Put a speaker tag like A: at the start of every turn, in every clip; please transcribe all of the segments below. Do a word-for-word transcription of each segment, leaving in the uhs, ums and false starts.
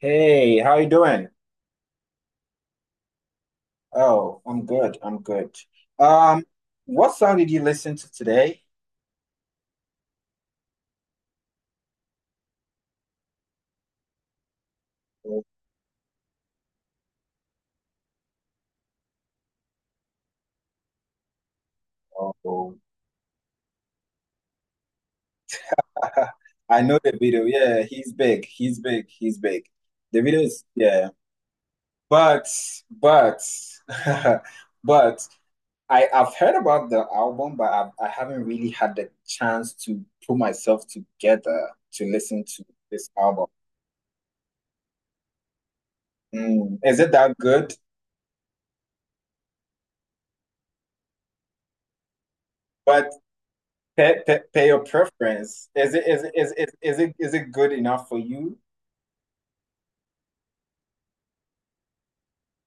A: Hey, how you doing? Oh, I'm good. I'm good. Um, what song did you listen to today? Oh, oh. I know the video. Yeah, he's big. He's big. He's big. The video is, yeah. But but but I I've heard about the album, but I I haven't really had the chance to put myself together to listen to this album. Mm, is it that good? But Pay, pay, pay your preference. Is it is it is it is it is it good enough for you?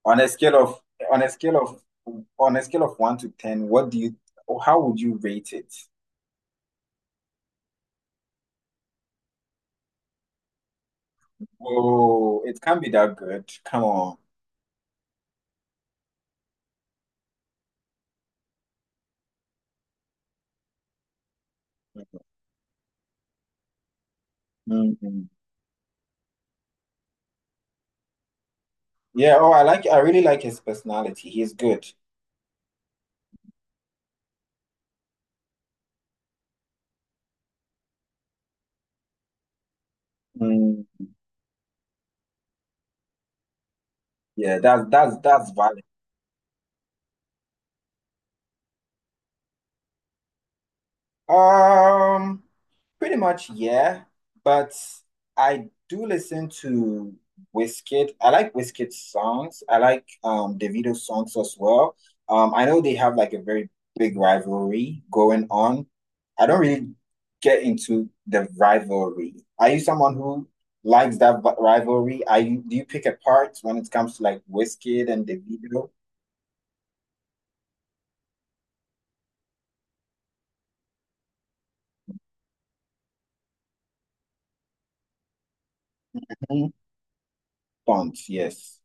A: On a scale of on a scale of on a scale of one to ten, what do you how would you rate it? Oh, it can't be that good. Come on. Mm. Yeah, oh I like I really like his personality. He's good. Mm. Yeah, that's that's that's valid. Um, pretty much, yeah. But I do listen to Wizkid. I like Wizkid's songs. I like um Davido's songs as well. Um, I know they have like a very big rivalry going on. I don't really get into the rivalry. Are you someone who likes that vi- rivalry? Are you do you pick apart when it comes to like Wizkid and Davido? Mhm. Don't, yes.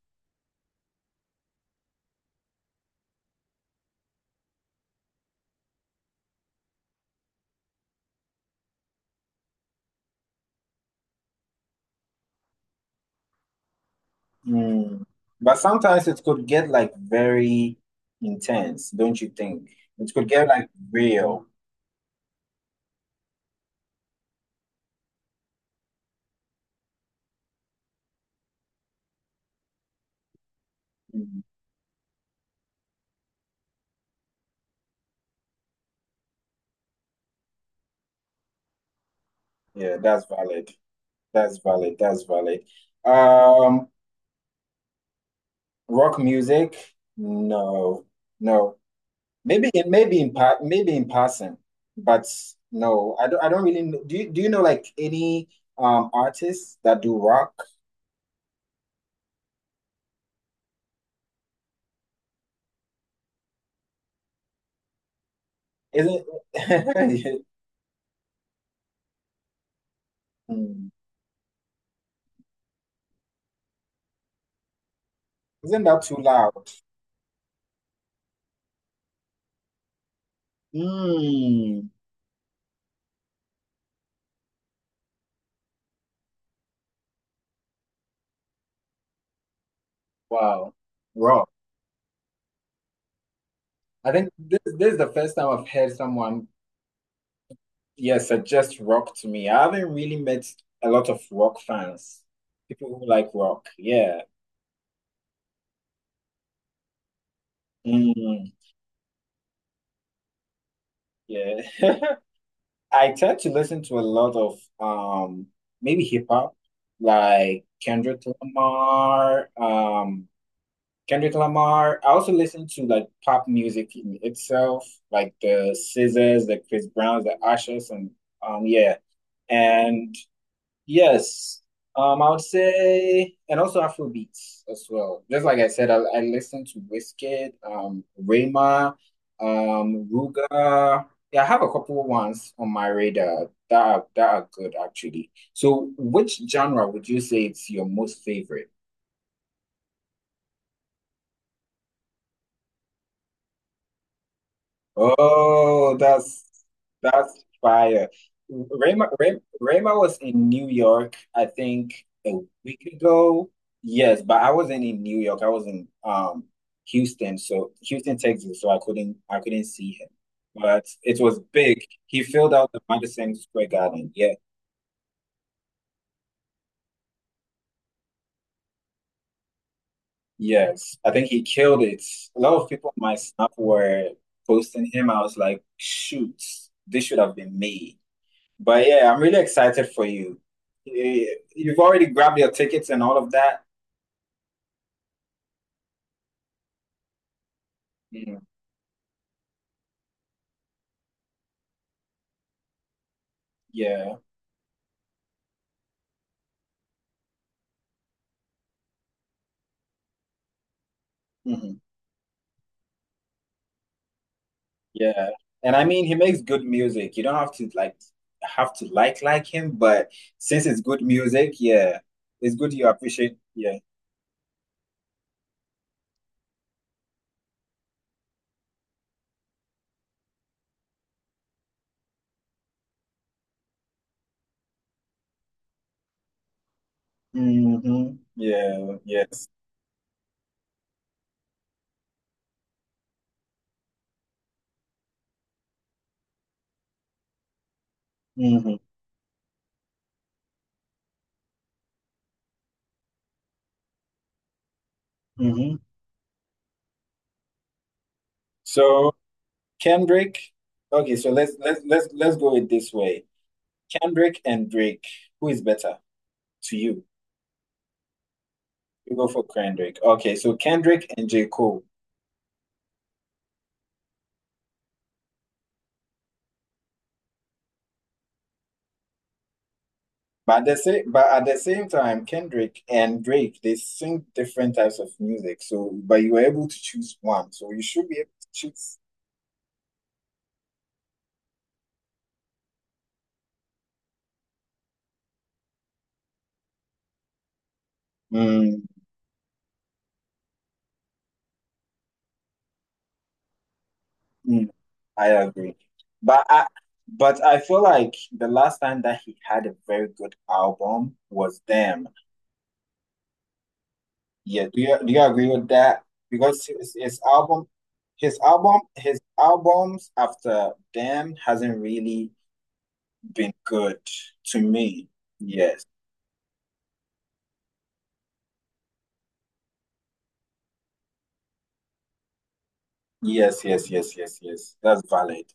A: Mm. But sometimes it could get like very intense, don't you think? It could get like real. Mm. Yeah, that's valid. That's valid. That's valid. Um, rock music? No, no. Maybe in maybe in part, maybe in passing, but no, I don't I don't really know. Do you do you know like any um artists that do rock? Isn't Mm. isn't that too loud? Mm. Wow. Rock. I think this, this is the first time I've heard someone, yeah, suggest rock to me. I haven't really met a lot of rock fans, people who like rock. Yeah. Mm, yeah. I tend to listen to a lot of um maybe hip hop, like Kendrick Lamar, um Kendrick Lamar. I also listen to like pop music in itself, like the Scissors, the Chris Browns, the Ushers, and um yeah. And yes, um, I would say, and also Afrobeats as well. Just like I said, I, I listen to Wizkid, um, Rema, um, Ruga. Yeah, I have a couple ones on my radar that are, that are good actually. So, which genre would you say it's your most favorite? Oh, that's that's fire. Rayma, Ray, Rayma was in New York, I think a week ago. Yes, but I wasn't in New York. I was in um Houston, so Houston, Texas, so I couldn't I couldn't see him. But it was big. He filled out the Madison Square Garden. Yeah. Yes. I think he killed it. A lot of people on my Snap were posting him. I was like, shoot, this should have been me. But yeah, I'm really excited for you. Eh, You've already grabbed your tickets and all of that. Mm, yeah. Hmm. Yeah. And I mean, he makes good music. You don't have to like have to like like him, but since it's good music, yeah, it's good you appreciate. Yeah. Hmm. Yeah. Yes. Hmm. Hmm. So Kendrick. Okay, so let's let's let's let's go with this way. Kendrick and Drake, who is better to you? You go for Kendrick. Okay, so Kendrick and J. Cole. But at the same, but at the same time, Kendrick and Drake, they sing different types of music. So, but you were able to choose one. So you should be able to choose. Mm, mm, I agree. But I, but I feel like the last time that he had a very good album was Damn. Yeah, do you do you agree with that? Because his, his album, his album, his albums after Damn hasn't really been good to me. Yes. Yes, yes, yes, yes, yes. That's valid.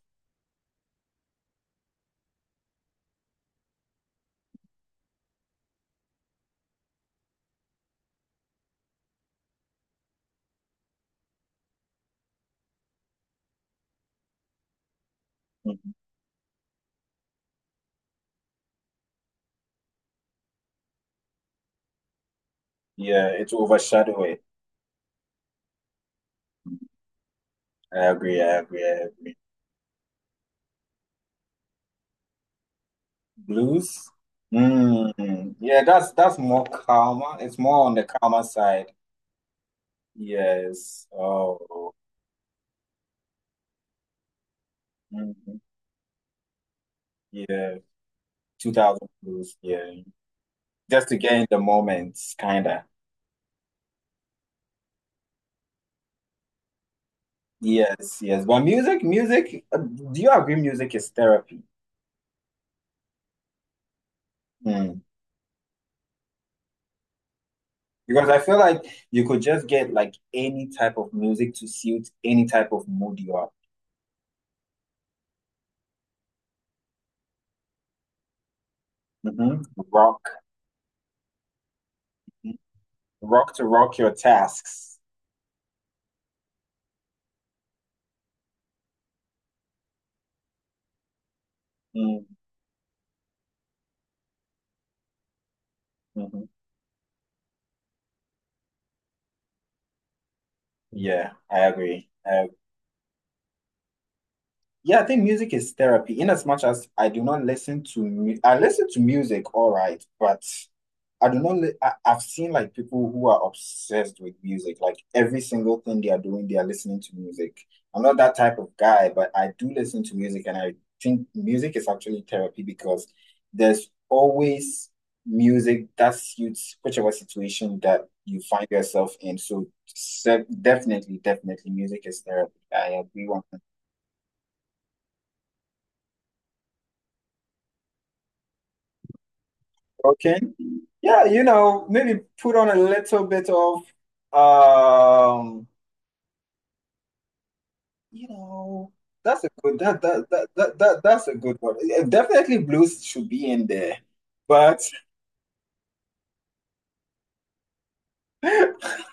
A: Mhm. Yeah, it overshadow it. I agree, I agree, I agree. Blues? Mm, yeah, that's that's more calmer. It's more on the calmer side. Yes. Oh. Mhm. Yeah. two thousand blues. Yeah. Just to get in the moments, kinda. Yes, yes. But music, music, uh, do you agree music is therapy? Hmm. Because I feel like you could just get like any type of music to suit any type of mood you are. Hmm. Rock, rock to rock your tasks. Mm-hmm. Yeah, I agree. I agree. Yeah, I think music is therapy in as much as I do not listen to mu I listen to music, all right, but I do not li I, I've seen like people who are obsessed with music, like every single thing they are doing, they are listening to music. I'm not that type of guy, but I do listen to music and I think music is actually therapy because there's always music that suits whichever situation that you find yourself in. So se- definitely, definitely music is therapy. I agree one hundred percent. Okay. Yeah, you know, maybe put on a little bit of um, you know, that's a good that that that that, that that's a good one. Eh, Definitely blues should be in there. But maybe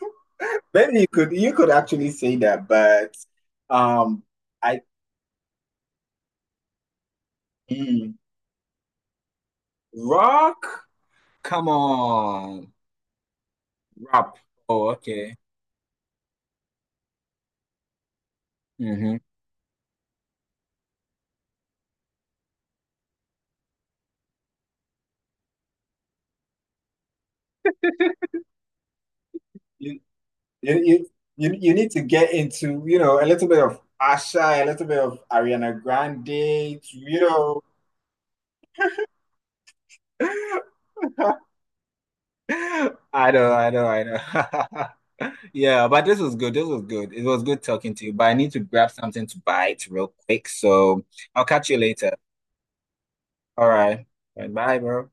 A: you could you could actually say that, but um I mm, rock, come on, rap. Oh, okay. Mm-hmm. You, you, you, you need to get into, you know, a little bit of Asha, a little bit of Ariana Grande, you know. I know, I know, I know. Yeah, but this was good. This was good. It was good talking to you, but I need to grab something to bite real quick. So I'll catch you later. All right. All right, bye, bro.